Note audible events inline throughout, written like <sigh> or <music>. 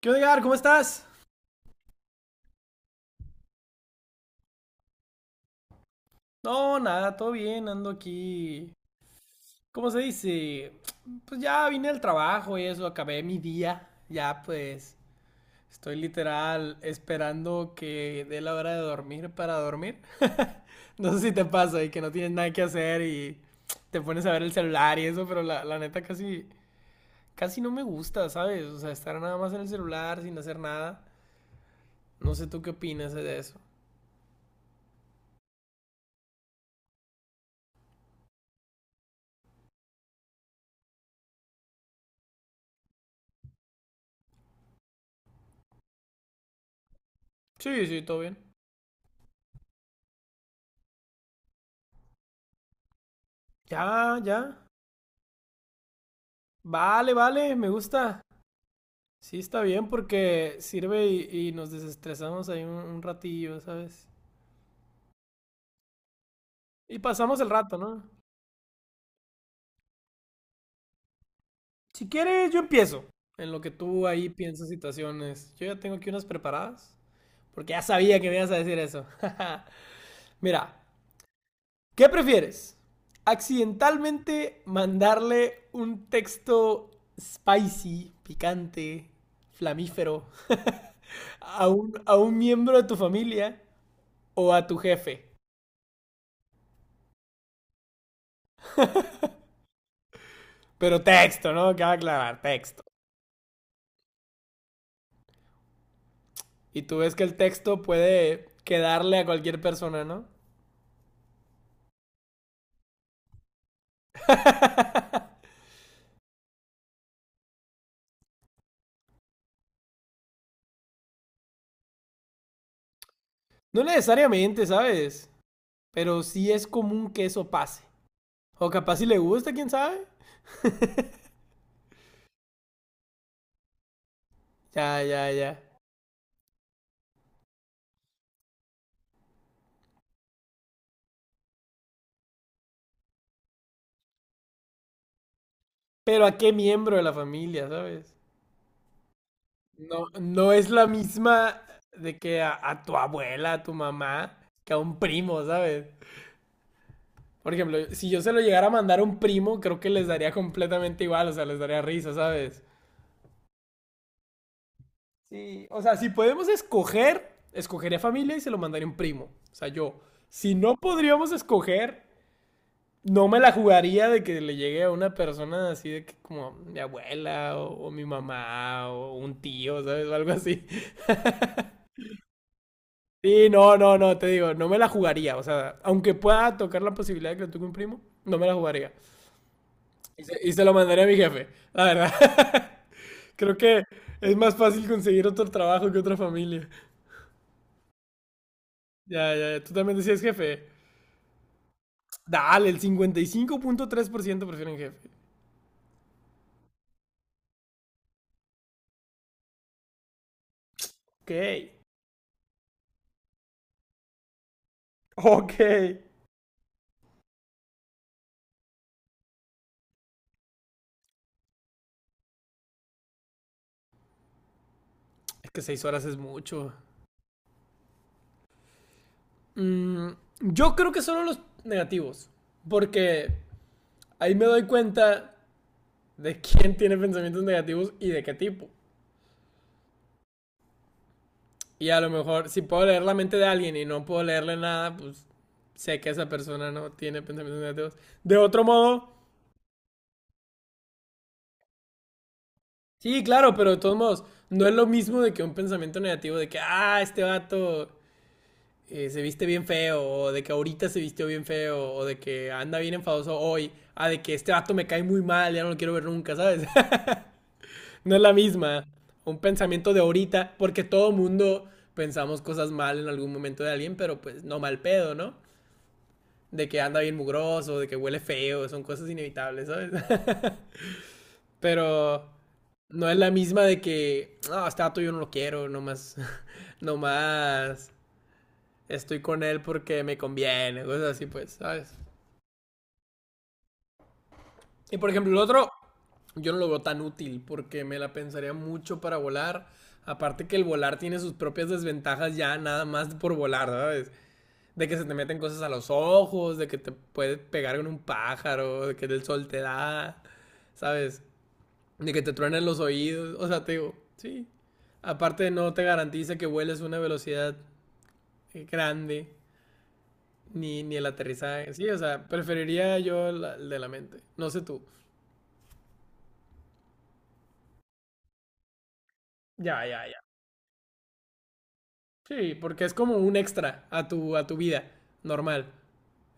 ¿Qué onda, Edgar? ¿Cómo estás? No, nada, todo bien, ando aquí. ¿Cómo se dice? Pues ya vine al trabajo y eso, acabé mi día. Ya pues estoy literal esperando que dé la hora de dormir para dormir. <laughs> No sé si te pasa y que no tienes nada que hacer y te pones a ver el celular y eso, pero la neta casi no me gusta, ¿sabes? O sea, estar nada más en el celular sin hacer nada. No sé tú qué opinas de eso. Sí, sí, todo bien. Ya, ya. Vale, vale, me gusta. Sí, está bien porque sirve y nos desestresamos ahí un ratillo, ¿sabes? Y pasamos el rato, ¿no? Si quieres, yo empiezo. En lo que tú ahí piensas situaciones. Yo ya tengo aquí unas preparadas. Porque ya sabía que me ibas a decir eso. <laughs> Mira, ¿qué prefieres? ¿Accidentalmente mandarle un texto spicy, picante, flamífero a un miembro de tu familia o a tu jefe? Pero texto, ¿no? Cabe aclarar, texto. Y tú ves que el texto puede quedarle a cualquier persona, ¿no? No necesariamente, ¿sabes? Pero sí es común que eso pase. O capaz si le gusta, quién sabe. Ya, ya, ya. Pero a qué miembro de la familia, ¿sabes? No, no es la misma de que a tu abuela, a tu mamá, que a un primo, ¿sabes? Por ejemplo, si yo se lo llegara a mandar a un primo, creo que les daría completamente igual, o sea, les daría risa, ¿sabes? Sí, o sea, si podemos escoger, escogería familia y se lo mandaría a un primo. O sea, yo, si no podríamos escoger, no me la jugaría de que le llegue a una persona así de que como mi abuela o mi mamá o un tío, ¿sabes? O algo así. Sí, no, no, no, te digo, no me la jugaría. O sea, aunque pueda tocar la posibilidad de que lo toque un primo, no me la jugaría. Y se lo mandaría a mi jefe, la verdad. <laughs> Creo que es más fácil conseguir otro trabajo que otra familia. Ya, ya, ya. Tú también decías jefe. Dale, el 55.3% prefieren jefe. Ok. Ok. Es que 6 horas es mucho. Mm, yo creo que solo los negativos. Porque ahí me doy cuenta de quién tiene pensamientos negativos y de qué tipo. Y a lo mejor, si puedo leer la mente de alguien y no puedo leerle nada, pues sé que esa persona no tiene pensamientos negativos. De otro modo, sí, claro, pero de todos modos, no es lo mismo de que un pensamiento negativo de que, ah, este vato se viste bien feo, o de que ahorita se vistió bien feo, o de que anda bien enfadoso hoy, a de que este vato me cae muy mal, ya no lo quiero ver nunca, ¿sabes? <laughs> no es la misma. Un pensamiento de ahorita, porque todo mundo pensamos cosas mal en algún momento de alguien, pero pues no mal pedo, ¿no? De que anda bien mugroso, de que huele feo, son cosas inevitables, ¿sabes? <laughs> pero no es la misma de que, no, oh, este vato yo no lo quiero, nomás, <laughs> nomás estoy con él porque me conviene, cosas así, pues, ¿sabes? Y por ejemplo, el otro, yo no lo veo tan útil porque me la pensaría mucho para volar. Aparte que el volar tiene sus propias desventajas ya nada más por volar, ¿sabes? De que se te meten cosas a los ojos, de que te puedes pegar con un pájaro, de que el sol te da, ¿sabes? De que te truenen los oídos, o sea, te digo, sí. Aparte no te garantiza que vueles a una velocidad grande. Ni el aterrizaje. Sí, o sea, preferiría yo el de la mente. No sé tú. Ya, ya, ya. Sí, porque es como un extra a tu vida normal.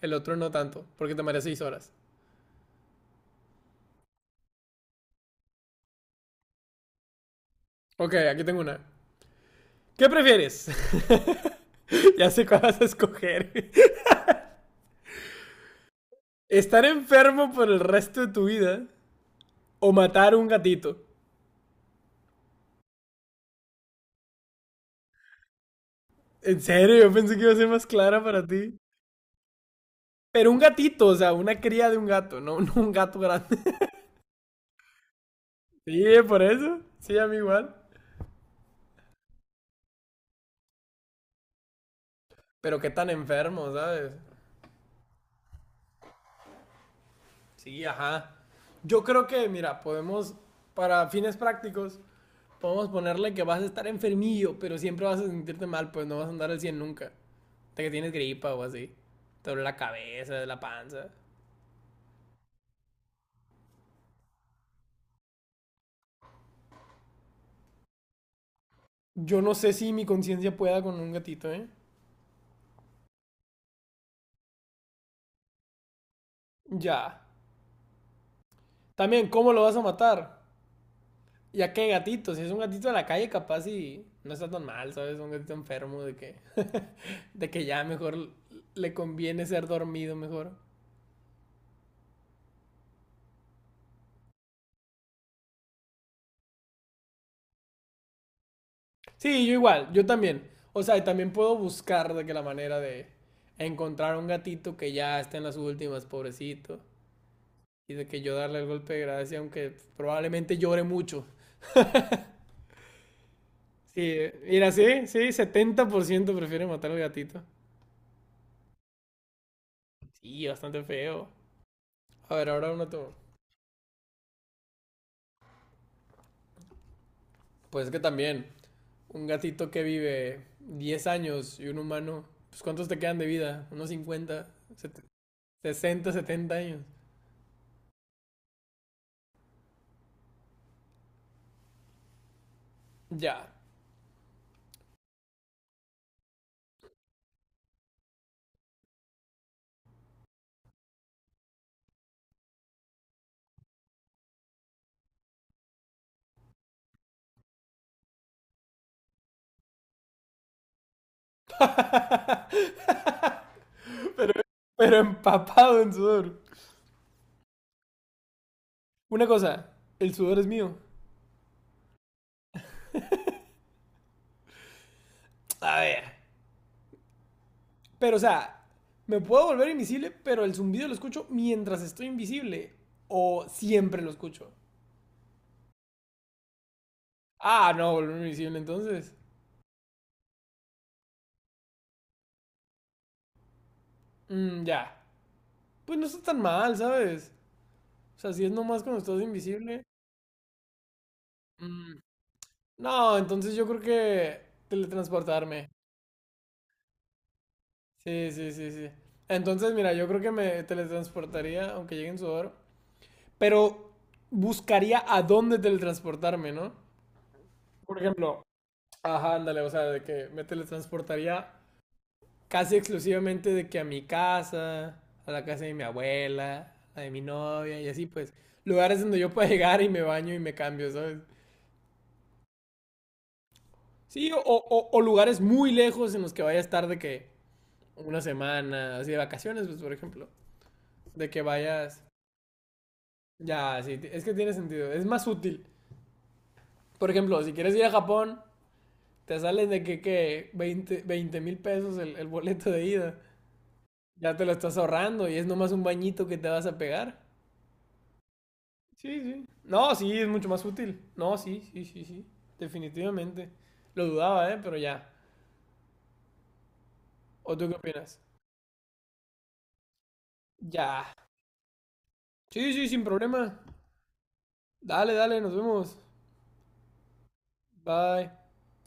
El otro no tanto, porque te mareas 6 horas. Ok, aquí tengo una. ¿Qué prefieres? <laughs> ya sé cuál vas a escoger. <laughs> ¿Estar enfermo por el resto de tu vida o matar un gatito? En serio, yo pensé que iba a ser más clara para ti. Pero un gatito, o sea, una cría de un gato, no, <laughs> no un gato grande. <laughs> sí, por eso. Sí, a mí igual. Pero qué tan enfermo, ¿sabes? Sí, ajá. Yo creo que, mira, podemos, para fines prácticos, podemos ponerle que vas a estar enfermillo, pero siempre vas a sentirte mal, pues no vas a andar al 100 nunca. Hasta que tienes gripa o así. Te duele la cabeza, la panza. Yo no sé si mi conciencia pueda con un gatito, ¿eh? Ya. También, ¿cómo lo vas a matar? Ya que gatito, si es un gatito de la calle, capaz y no está tan mal, ¿sabes? Un gatito enfermo de que, <laughs> de que ya mejor le conviene ser dormido mejor. Sí, yo igual, yo también. O sea, y también puedo buscar de que la manera de encontrar un gatito que ya está en las últimas, pobrecito. Y de que yo darle el golpe de gracia, aunque probablemente llore mucho. <laughs> Sí, mira, sí, sí, 70% prefiere matar al gatito. Sí, bastante feo. A ver, ahora uno tú. Pues es que también, un gatito que vive 10 años y un humano, pues ¿cuántos te quedan de vida? ¿Unos 50 60 70 años? Ya. <laughs> Pero empapado en sudor. Una cosa, el sudor es mío. A ver. Pero o sea, me puedo volver invisible, pero el zumbido lo escucho mientras estoy invisible. O siempre lo escucho. Ah, no, volver invisible entonces. Mm, ya. Pues no está tan mal, ¿sabes? O sea, si es nomás cuando estás invisible. mm, No, entonces yo creo que teletransportarme. Sí, sí, sí, sí. Entonces, mira, yo creo que me teletransportaría, aunque llegue en sudor, pero buscaría a dónde teletransportarme, ¿no? Por ejemplo, ajá, ándale, o sea, de que me teletransportaría casi exclusivamente de que a mi casa, a la casa de mi abuela, la de mi novia y así, pues, lugares donde yo pueda llegar y me baño y me cambio, ¿sabes? Sí, o lugares muy lejos en los que vaya a estar de que una semana, así de vacaciones, pues, por ejemplo. De que vayas. Ya, sí, es que tiene sentido. Es más útil. Por ejemplo, si quieres ir a Japón, te salen de que 20,000 pesos el boleto de ida. Ya te lo estás ahorrando y es nomás un bañito que te vas a pegar. Sí, sí. No, sí, es mucho más útil. No, sí, sí, sí, sí. Definitivamente. Lo dudaba, ¿eh? Pero ya. ¿O tú qué opinas? Ya. Sí, sí, sin problema. Dale, dale, nos vemos. Bye.